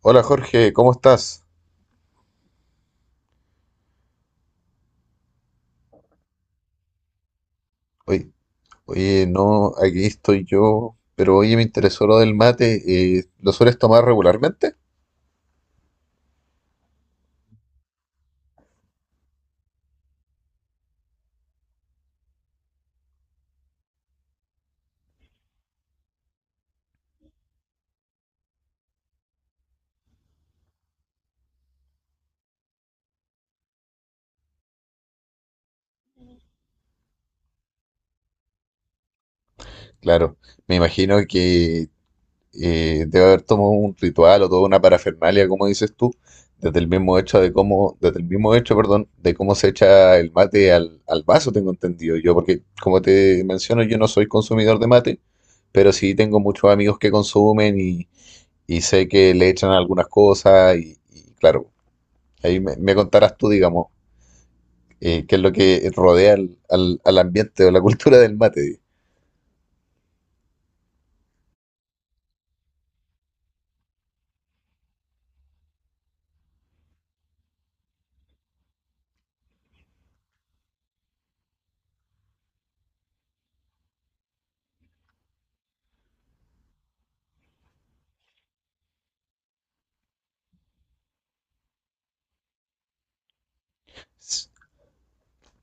Hola Jorge, ¿cómo estás? Oye, oye, no, aquí estoy yo, pero oye, me interesó lo del mate. ¿Lo sueles tomar regularmente? Claro, me imagino que debe haber tomado un ritual o toda una parafernalia, como dices tú, desde el mismo hecho de cómo, desde el mismo hecho, perdón, de cómo se echa el mate al vaso, tengo entendido yo, porque como te menciono, yo no soy consumidor de mate, pero sí tengo muchos amigos que consumen y sé que le echan algunas cosas y claro. Ahí me contarás tú, digamos, qué es lo que rodea al, al ambiente o la cultura del mate. Di.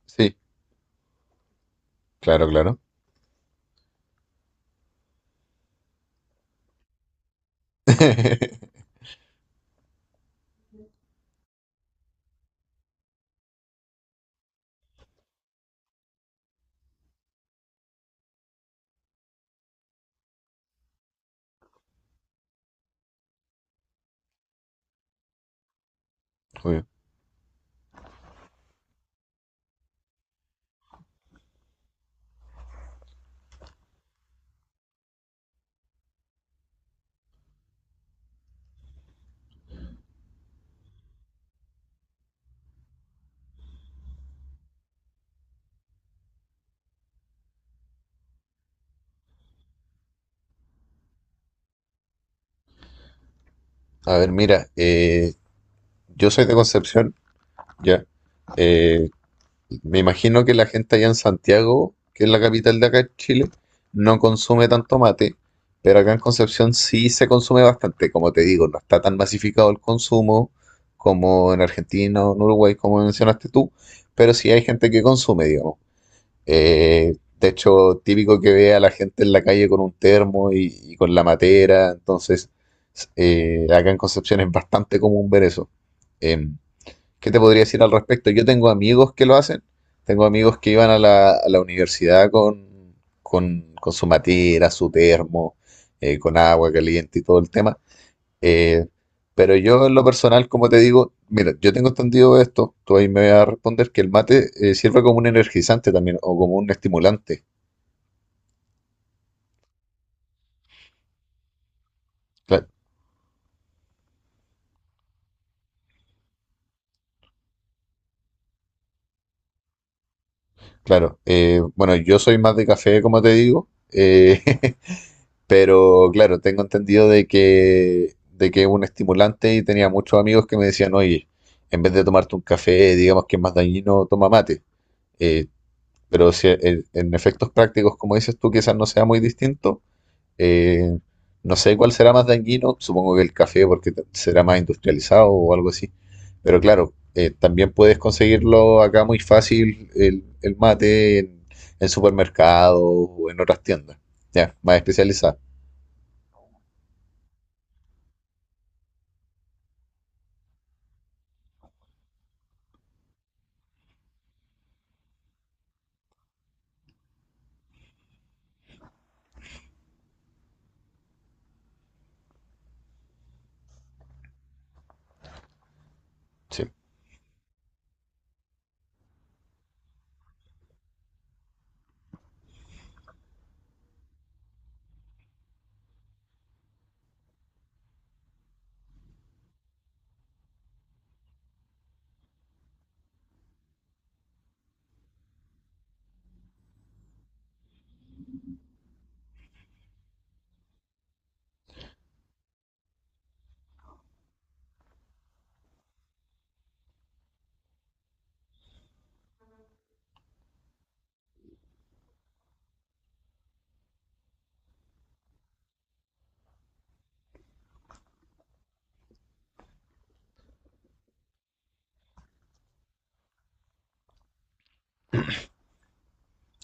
Sí, claro, claro. Obvio. A ver, mira, yo soy de Concepción, ya. Eh, Me imagino que la gente allá en Santiago, que es la capital de acá en Chile, no consume tanto mate, pero acá en Concepción sí se consume bastante. Como te digo, no está tan masificado el consumo como en Argentina o en Uruguay, como mencionaste tú, pero sí hay gente que consume, digamos. Eh, de hecho, típico que vea a la gente en la calle con un termo y con la matera. Entonces, acá en Concepción es bastante común ver eso. Em, ¿Qué te podría decir al respecto? Yo tengo amigos que lo hacen. Tengo amigos que iban a la universidad con, con su matera, su termo, con agua caliente y todo el tema. Eh, pero yo en lo personal, como te digo, mira, yo tengo entendido esto, tú ahí me vas a responder que el mate sirve como un energizante también o como un estimulante. Cla- Claro, bueno, yo soy más de café, como te digo, pero claro, tengo entendido de que es un estimulante y tenía muchos amigos que me decían, oye, en vez de tomarte un café, digamos que es más dañino, toma mate. Eh, pero si, en efectos prácticos, como dices tú, quizás no sea muy distinto. Eh, no sé cuál será más dañino, supongo que el café porque será más industrializado o algo así. Pero claro, también puedes conseguirlo acá muy fácil el mate en supermercados o en otras tiendas, ya, más especializadas. Sí,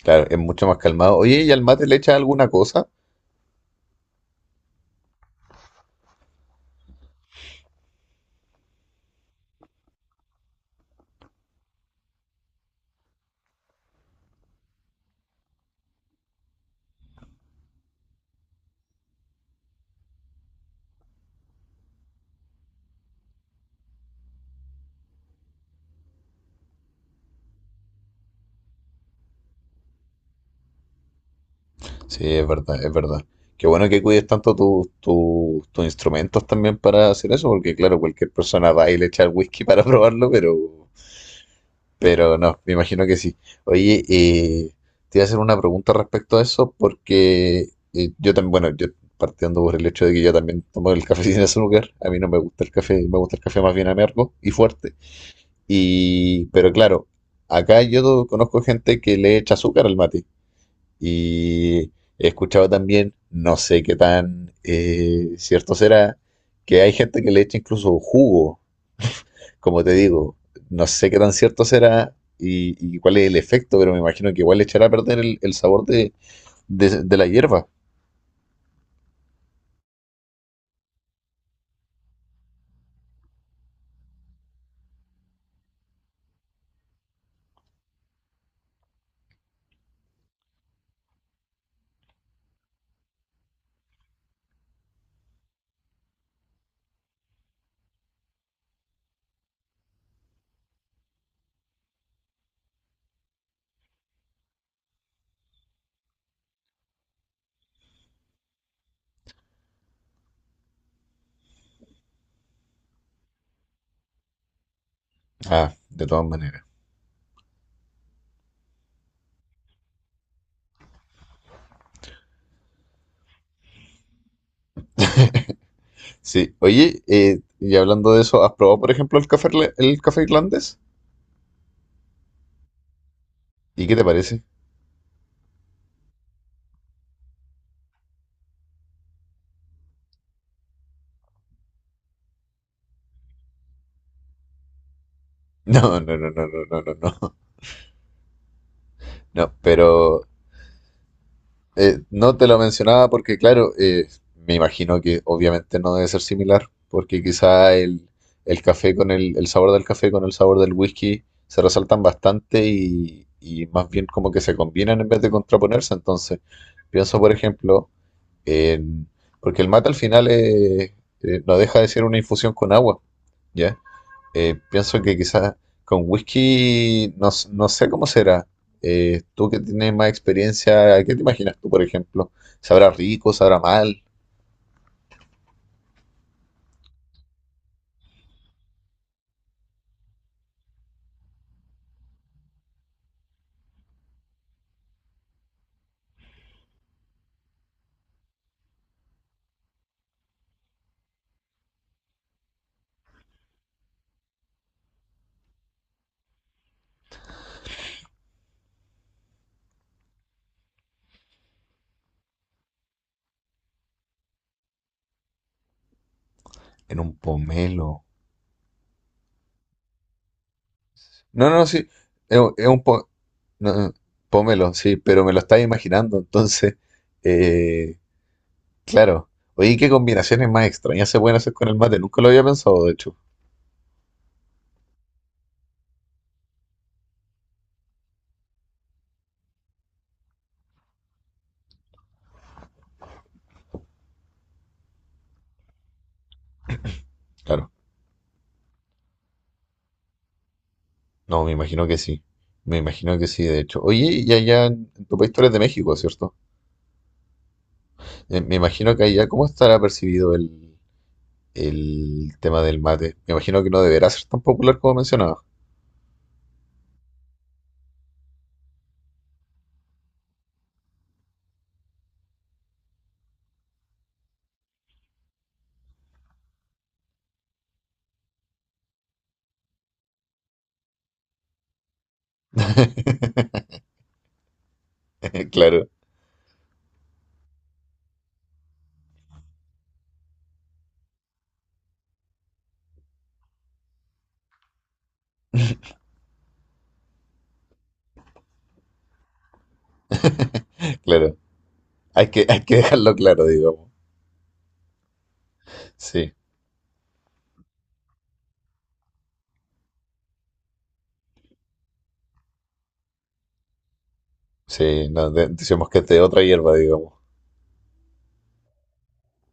claro, es mucho más calmado. Oye, ¿y al mate le echas alguna cosa? Sí, es verdad, es verdad. Qué bueno que cuides tanto tus instrumentos también para hacer eso, porque claro, cualquier persona va y le echa el whisky para probarlo, pero no, me imagino que sí. Oye, te iba a hacer una pregunta respecto a eso porque yo también, bueno, yo partiendo por el hecho de que yo también tomo el café sin azúcar, a mí no me gusta el café, me gusta el café más bien amargo y fuerte. Y, pero claro, acá yo conozco gente que le echa azúcar al mate y he escuchado también, no sé qué tan cierto será, que hay gente que le echa incluso jugo como te digo, no sé qué tan cierto será y cuál es el efecto, pero me imagino que igual le echará a perder el sabor de, de la hierba. Ah, de todas maneras. Sí, oye, y hablando de eso, ¿has probado, por ejemplo, el café, el café irlandés? ¿Y qué te parece? No, no, no, no, no, no, no, no. No, pero no te lo mencionaba porque, claro, me imagino que obviamente no debe ser similar, porque quizá el café con el sabor del café con el sabor del whisky se resaltan bastante y más bien como que se combinan en vez de contraponerse. Entonces, pienso, por ejemplo, en, porque el mate al final no deja de ser una infusión con agua, ¿ya? Pienso que quizás con whisky no, no sé cómo será. Tú que tienes más experiencia, ¿qué te imaginas tú, por ejemplo? ¿Sabrá rico, sabrá mal? En un pomelo. No, no, sí, es un no, no, pomelo, sí, pero me lo estaba imaginando, entonces, eh, claro. Oye, ¿qué combinaciones más extrañas se pueden hacer con el mate? Nunca lo había pensado, de hecho. Claro, no, me imagino que sí. Me imagino que sí, de hecho. Oye, y allá en tu país tú eres de México, ¿cierto? Me imagino que allá, ¿cómo estará percibido el tema del mate? Me imagino que no deberá ser tan popular como mencionaba. Claro, claro. Hay que dejarlo claro, digamos. Sí, sí, no, decimos que este es de otra hierba, digamos.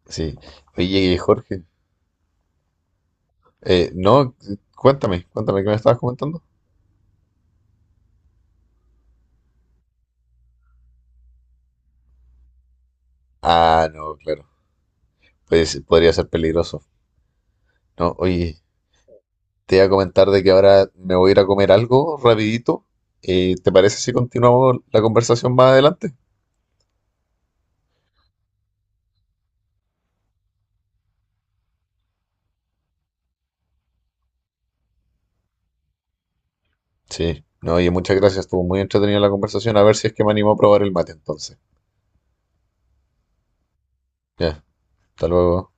Sí. Oye, Jorge, no, cuéntame, cuéntame qué me estabas comentando. Ah, no, claro. Pues podría ser peligroso. No, oye, te iba a comentar de que ahora me voy a ir a comer algo rapidito. ¿Te parece si continuamos la conversación más adelante? Sí, no, oye, muchas gracias. Estuvo muy entretenida la conversación. A ver si es que me animo a probar el mate entonces. Ya, hasta luego.